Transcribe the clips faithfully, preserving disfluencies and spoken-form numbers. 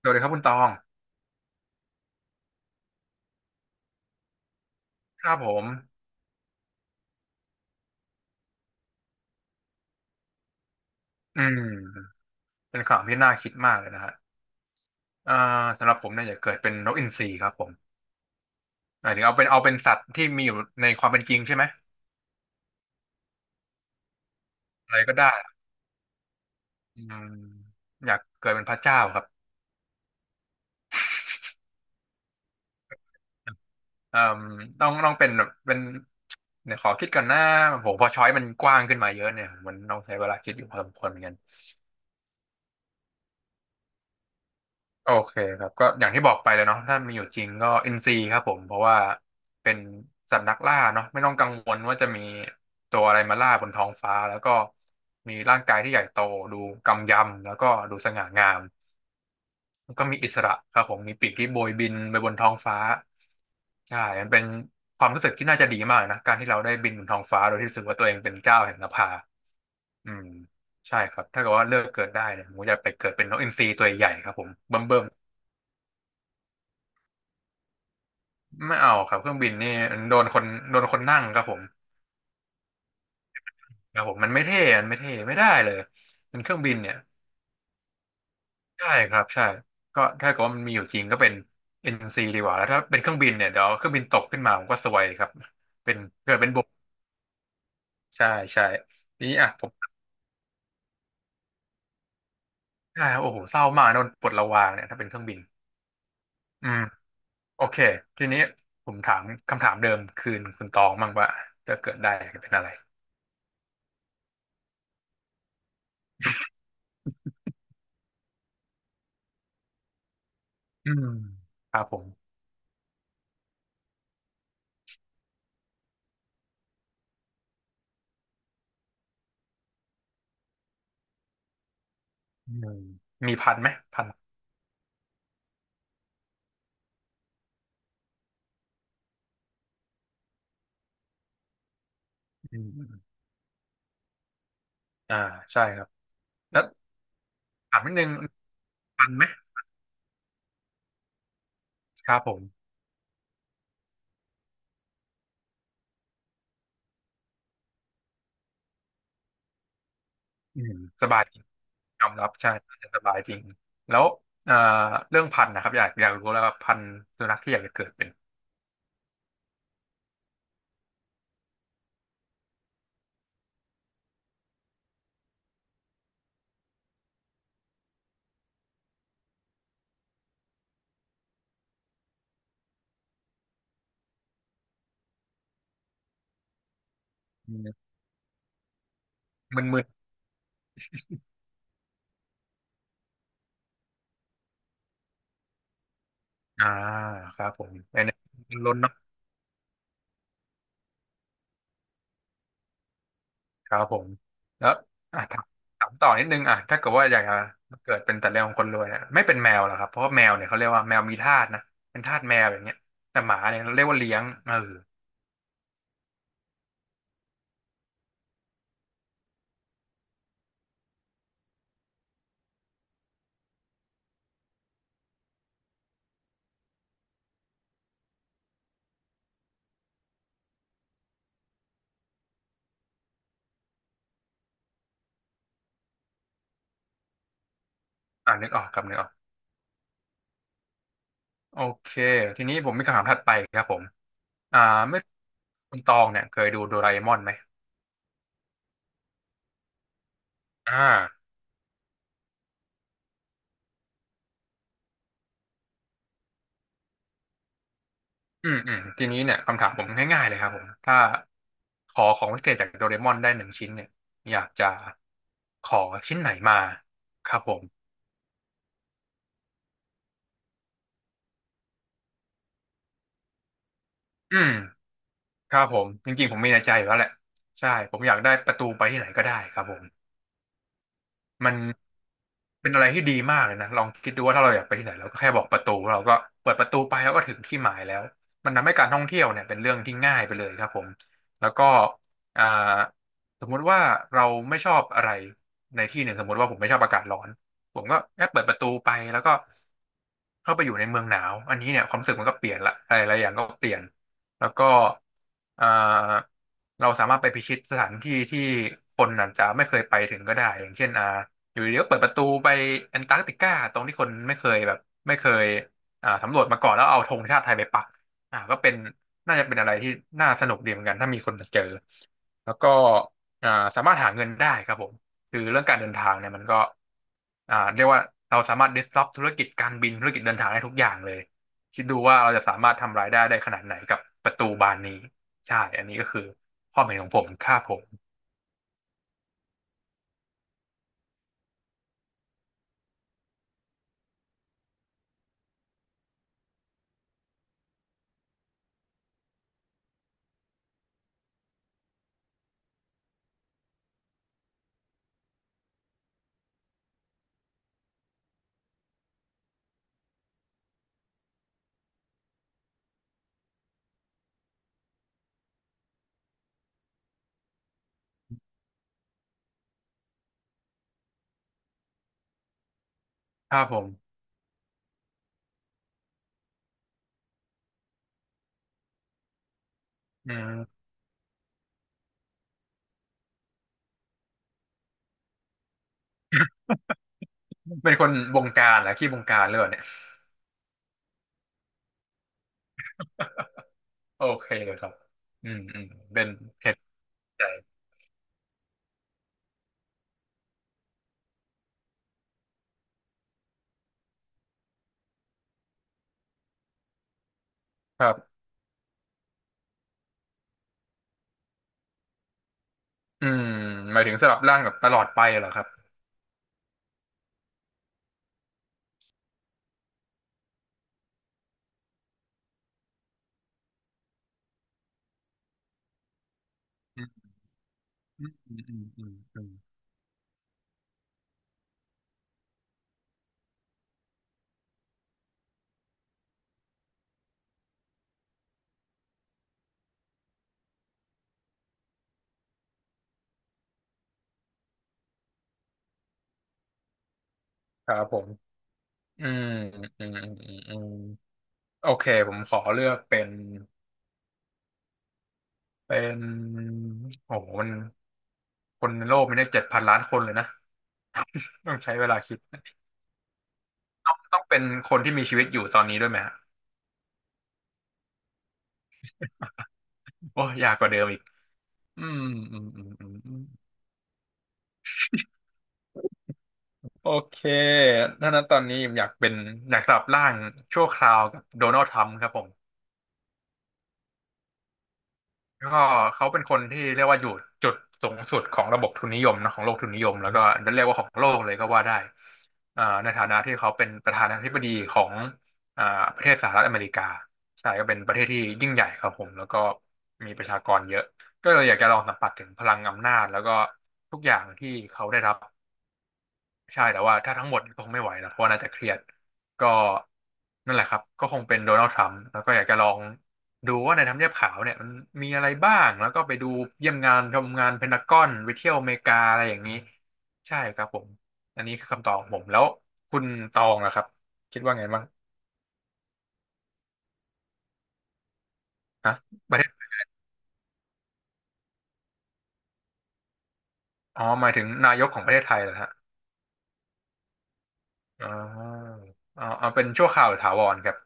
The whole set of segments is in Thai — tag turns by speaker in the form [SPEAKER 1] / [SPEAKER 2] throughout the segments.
[SPEAKER 1] สวัสดีครับคุณตองครับผมอืมเป็นข่าวที่น่าคิดมากเลยนะฮะเอ่อสำหรับผมเนี่ยอย่าเกิดเป็นนกอินทรีครับผมหมายถึงเอาเป็นเอาเป็นสัตว์ที่มีอยู่ในความเป็นจริงใช่ไหมอะไรก็ได้อืมอยากเกิดเป็นพระเจ้าครับเอ่อต้องต้องเป็นแบบเป็นเดี๋ยวขอคิดก่อนนะผมพอช้อยมันกว้างขึ้นมาเยอะเนี่ยมันต้องใช้เวลาคิดอยู่พอสมควรเหมือนกัน โอเคครับก็อย่างที่บอกไปเลยเนาะถ้ามีอยู่จริงก็อินซีครับผมเพราะว่าเป็นสัตว์นักล่าเนาะไม่ต้องกังวลว่าจะมีตัวอะไรมาล่าบนท้องฟ้าแล้วก็มีร่างกายที่ใหญ่โตดูกำยำแล้วก็ดูสง่างามแล้วก็มีอิสระครับผมมีปีกที่โบยบินไปบนท้องฟ้าใช่มันเป็นความรู้สึกที่น่าจะดีมากเลยนะการที่เราได้บินบนท้องฟ้าโดยที่รู้สึกว่าตัวเองเป็นเจ้าแห่งนภาอืมใช่ครับถ้าเกิดว่าเลือกเกิดได้เนี่ยผมอยากไปเกิดเป็นนกอินทรีตัวใหญ่ครับผมเบิ่มๆ ไม่เอาครับเครื่องบินนี่มันโดนคนโดนคนนั่งครับผมครับผมมันไม่เท่มันไม่เท่ไม่ได้เลยเป็นเครื่องบินเนี่ยใช่ครับใช่ก็ถ้าเกิดว่ามันมีอยู่จริงก็เป็น เอ็น ซี ดีกว่าแล้วถ้าเป็นเครื่องบินเนี่ยเดี๋ยวเครื่องบินตกขึ้นมาผมก็ซวยครับเป็นเกิดเป็นบกใช่ใช่ทีนี้อ่ะผมใช่โอ้โหเศร้ามากโดนปลดระวางเนี่ยถ้าเป็นเครื่องบินอืมโอเคทีนี้ผมถามคำถามเดิมคืนคุณตองบ้างว่าจะเกิดได้เป็นอะไรอืมครับผมอืมมีพันไหมพันอืม อ่าใช่ครับแล้วถามนิดนึงทันไหมครับผมอืมสบายจริงยอมรับใช่น่าจะสบายจริงแล้วเอ่อเรื่องพันธุ์นะครับอยากอยากรู้แล้วว่าพันธุ์สุนัขที่อยากจะเกิดเป็นอืมมึนๆอ่าครับผมไอ้นี่มันล้นเนาะครับผมแล้วอ่ะถามถามต่อนิดนึงอ่ะถ้าเกิดว่าอยากจะเกิดเป็นแต่เรื่องของคนรวยเนี่ยไม่เป็นแมวหรอครับเพราะว่าแมวเนี่ยเขาเรียกว่าแมวมีทาสนะเป็นทาสแมวอย่างเงี้ยแต่หมาเนี่ยเราเรียกว่าเลี้ยงเอออ่านึกออกครับนึกออกโอเคทีนี้ผมมีคำถามถัดไปครับผม อ่าไม่คุณตองเนี่ยเคยดูโดราเอมอนไหมอ่าอืมอืมทีนี้เนี่ยคำถามผมง่ายๆเลยครับผมถ้าขอของพิเศษจากโดราเอมอนได้หนึ่งชิ้นเนี่ยอยากจะขอชิ้นไหนมาครับผมอืมครับผมจริงๆผมมีในใจอยู่แล้วแหละใช่ผมอยากได้ประตูไปที่ไหนก็ได้ครับผม มันเป็นอะไรที่ดีมากเลยนะลองคิดดูว่าถ้าเราอยากไปที่ไหนเราก็แค่บอกประตูเราก็เปิดประตูไปแล้วก็ถึงที่หมายแล้วมันทำให้การท่องเที่ยวเนี่ยเป็นเรื่องที่ง่ายไปเลยครับผมแล้วก็อ่าสมมุติว่าเราไม่ชอบอะไรในที่หนึ่งสมมุติว่าผมไม่ชอบอากาศร้อนผมก็แค่เปิดประตูไปแล้วก็ เข้าไปอยู่ในเมืองหนาวอันนี้เนี่ยความรู้สึกมันก็เปลี่ยนละอะไรหลายอย่างก็เปลี่ยนแล้วก็อ่าเราสามารถไปพิชิตสถานที่ที่คนอาจจะไม่เคยไปถึงก็ได้อย่างเช่นอ่าอยู่ดีๆก็เปิดประตูไปแอนตาร์กติกาตรงที่คนไม่เคยแบบไม่เคยอ่าสำรวจมาก่อนแล้วเอาธงชาติไทยไปปักอ่าก็เป็นน่าจะเป็นอะไรที่น่าสนุกดีเหมือนกันถ้ามีคนมาเจอ แล้วก็อ่าสามารถหาเงินได้ครับผมคือเรื่องการเดินทางเนี่ยมันก็อ่าเรียกว่าเราสามารถ disrupt ธุรกิจการบินธุรกิจเดินทางได้ทุกอย่างเลยคิดดูว่าเราจะสามารถทำรายได้ได้ขนาดไหนกับประตูบานนี้ใช่อันนี้ก็คือความเห็นของผมค่าผมค่าผมอืม เป็นคนบงการเหรอขี้บงการหรือเปล่าเนี่ยโอเคครับอืมอืมเป็นเหตุใจครับอืมหมายถึงสลับร่างแบบตลอดไปเหรอครับอืมอืมอืมอืมอืมอืมครับผม อืมอืมอืมอืมอืมโอเคผมขอเลือกเป็นเป็นโอ้โหมันคนในโลกมีได้เจ็ดพันล้านคนเลยนะต้องใช้เวลาคิดต้องเป็นคนที่มีชีวิตอยู่ตอนนี้ด้วยไหมฮะโอ้ยากกว่าเดิมอีกอืมอืมอืมอืมอืมโอเคถ้านั้นตอนนี้ผมอยากเป็นอยากสลับร่างชั่วคราวกับโดนัลด์ทรัมป์ครับผม ก็เขาเป็นคนที่เรียกว่าอยู่จุดสูงสุดของระบบทุนนิยมนะของโลกทุนนิยมแล้วก็เรียกว่าของโลกเลยก็ว่าได้อ่าในฐานะที่เขาเป็นประธานาธิบดีของอ่าประเทศสหรัฐอเมริกาใช่ก็เป็นประเทศที่ยิ่งใหญ่ครับผมแล้วก็มีประชากรเยอะก็เลยอยากจะลองสัมผัสถึงพลังอำนาจแล้วก็ทุกอย่างที่เขาได้รับ ใช่แต่ว่าถ้าทั้งหมดก็คงไม่ไหวนะเพราะว่าน่าจะเครียดก็นั่นแหละครับก็คงเป็นโดนัลด์ทรัมป์แล้วก็อยากจะลองดูว่าในทำเนียบขาวเนี่ยมันมีอะไรบ้างแล้วก็ไปดูเยี่ยมงานชมงานเพนทากอนไปเที่ยวอเมริกาอะไรอย่างนี้ใช่ครับผมอันนี้คือคำตอบของผมแล้วคุณตองนะครับคิดว่าไงบ้างฮะประเทศอ๋อหมายถึงนายกของประเทศไทยเหรอฮะอ๋อเอาเอาเป็นชั่วคราวหรือถาวรครับ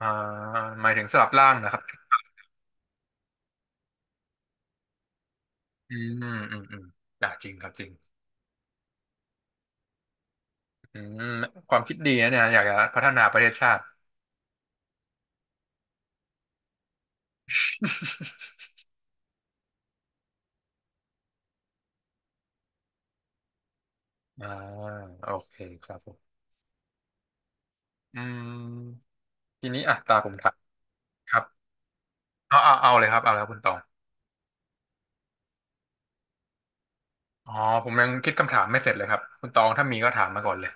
[SPEAKER 1] อ่าหมายถึงสลับร่างนะครับอืมอืมอืมอ่าจริงครับจริง อืมความคิดดีนะเนี่ยอยากจะพัฒนาประเทศชาติอ่าโอเคครับผมอืมทีนี้อ่ะตาผมถามครับเอาเอาเอาเลยครับเอาแล้วคุณตองอ๋อผมยังคิดคำถามไม่เสร็จเลยครับคุณตองถ้ามีก็ถามมาก่อนเลย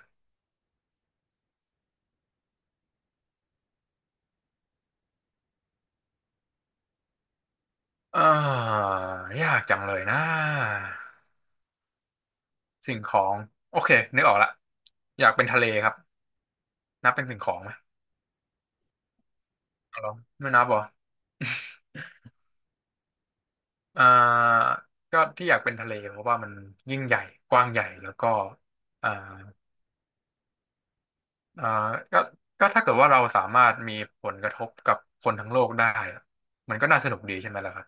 [SPEAKER 1] อ่ายากจังเลยนะสิ่งของโอเคนึกออกละอยากเป็นทะเลครับนับเป็นสิ่งของไหมเอาลองไม่นับเหรอ อ่าก็ที่อยากเป็นทะเลเพราะว่ามันยิ่งใหญ่กว้างใหญ่แล้วก็อ่า อ่าก็ก็ถ้าเกิดว่าเราสามารถมีผลกระทบกับคนทั้งโลกได้อะมันก็น่าสนุกดีใช่ไหมล่ะครับ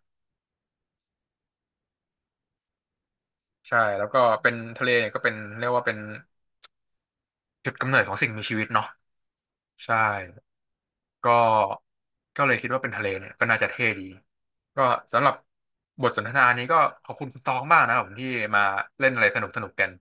[SPEAKER 1] ใช่แล้วก็เป็นทะเลเนี่ยก็เป็นเรียกว่าเป็นจุดกำเนิดของสิ่งมีชีวิตเนาะใช่ก็ก็เลยคิดว่าเป็นทะเลเนี่ยก็น่าจะเท่ดีก็สำหรับบทสนทนานี้ก็ขอบคุณคุณตองมากนะครับผมที่มาเล่นอะไรสนุกสนุกกัน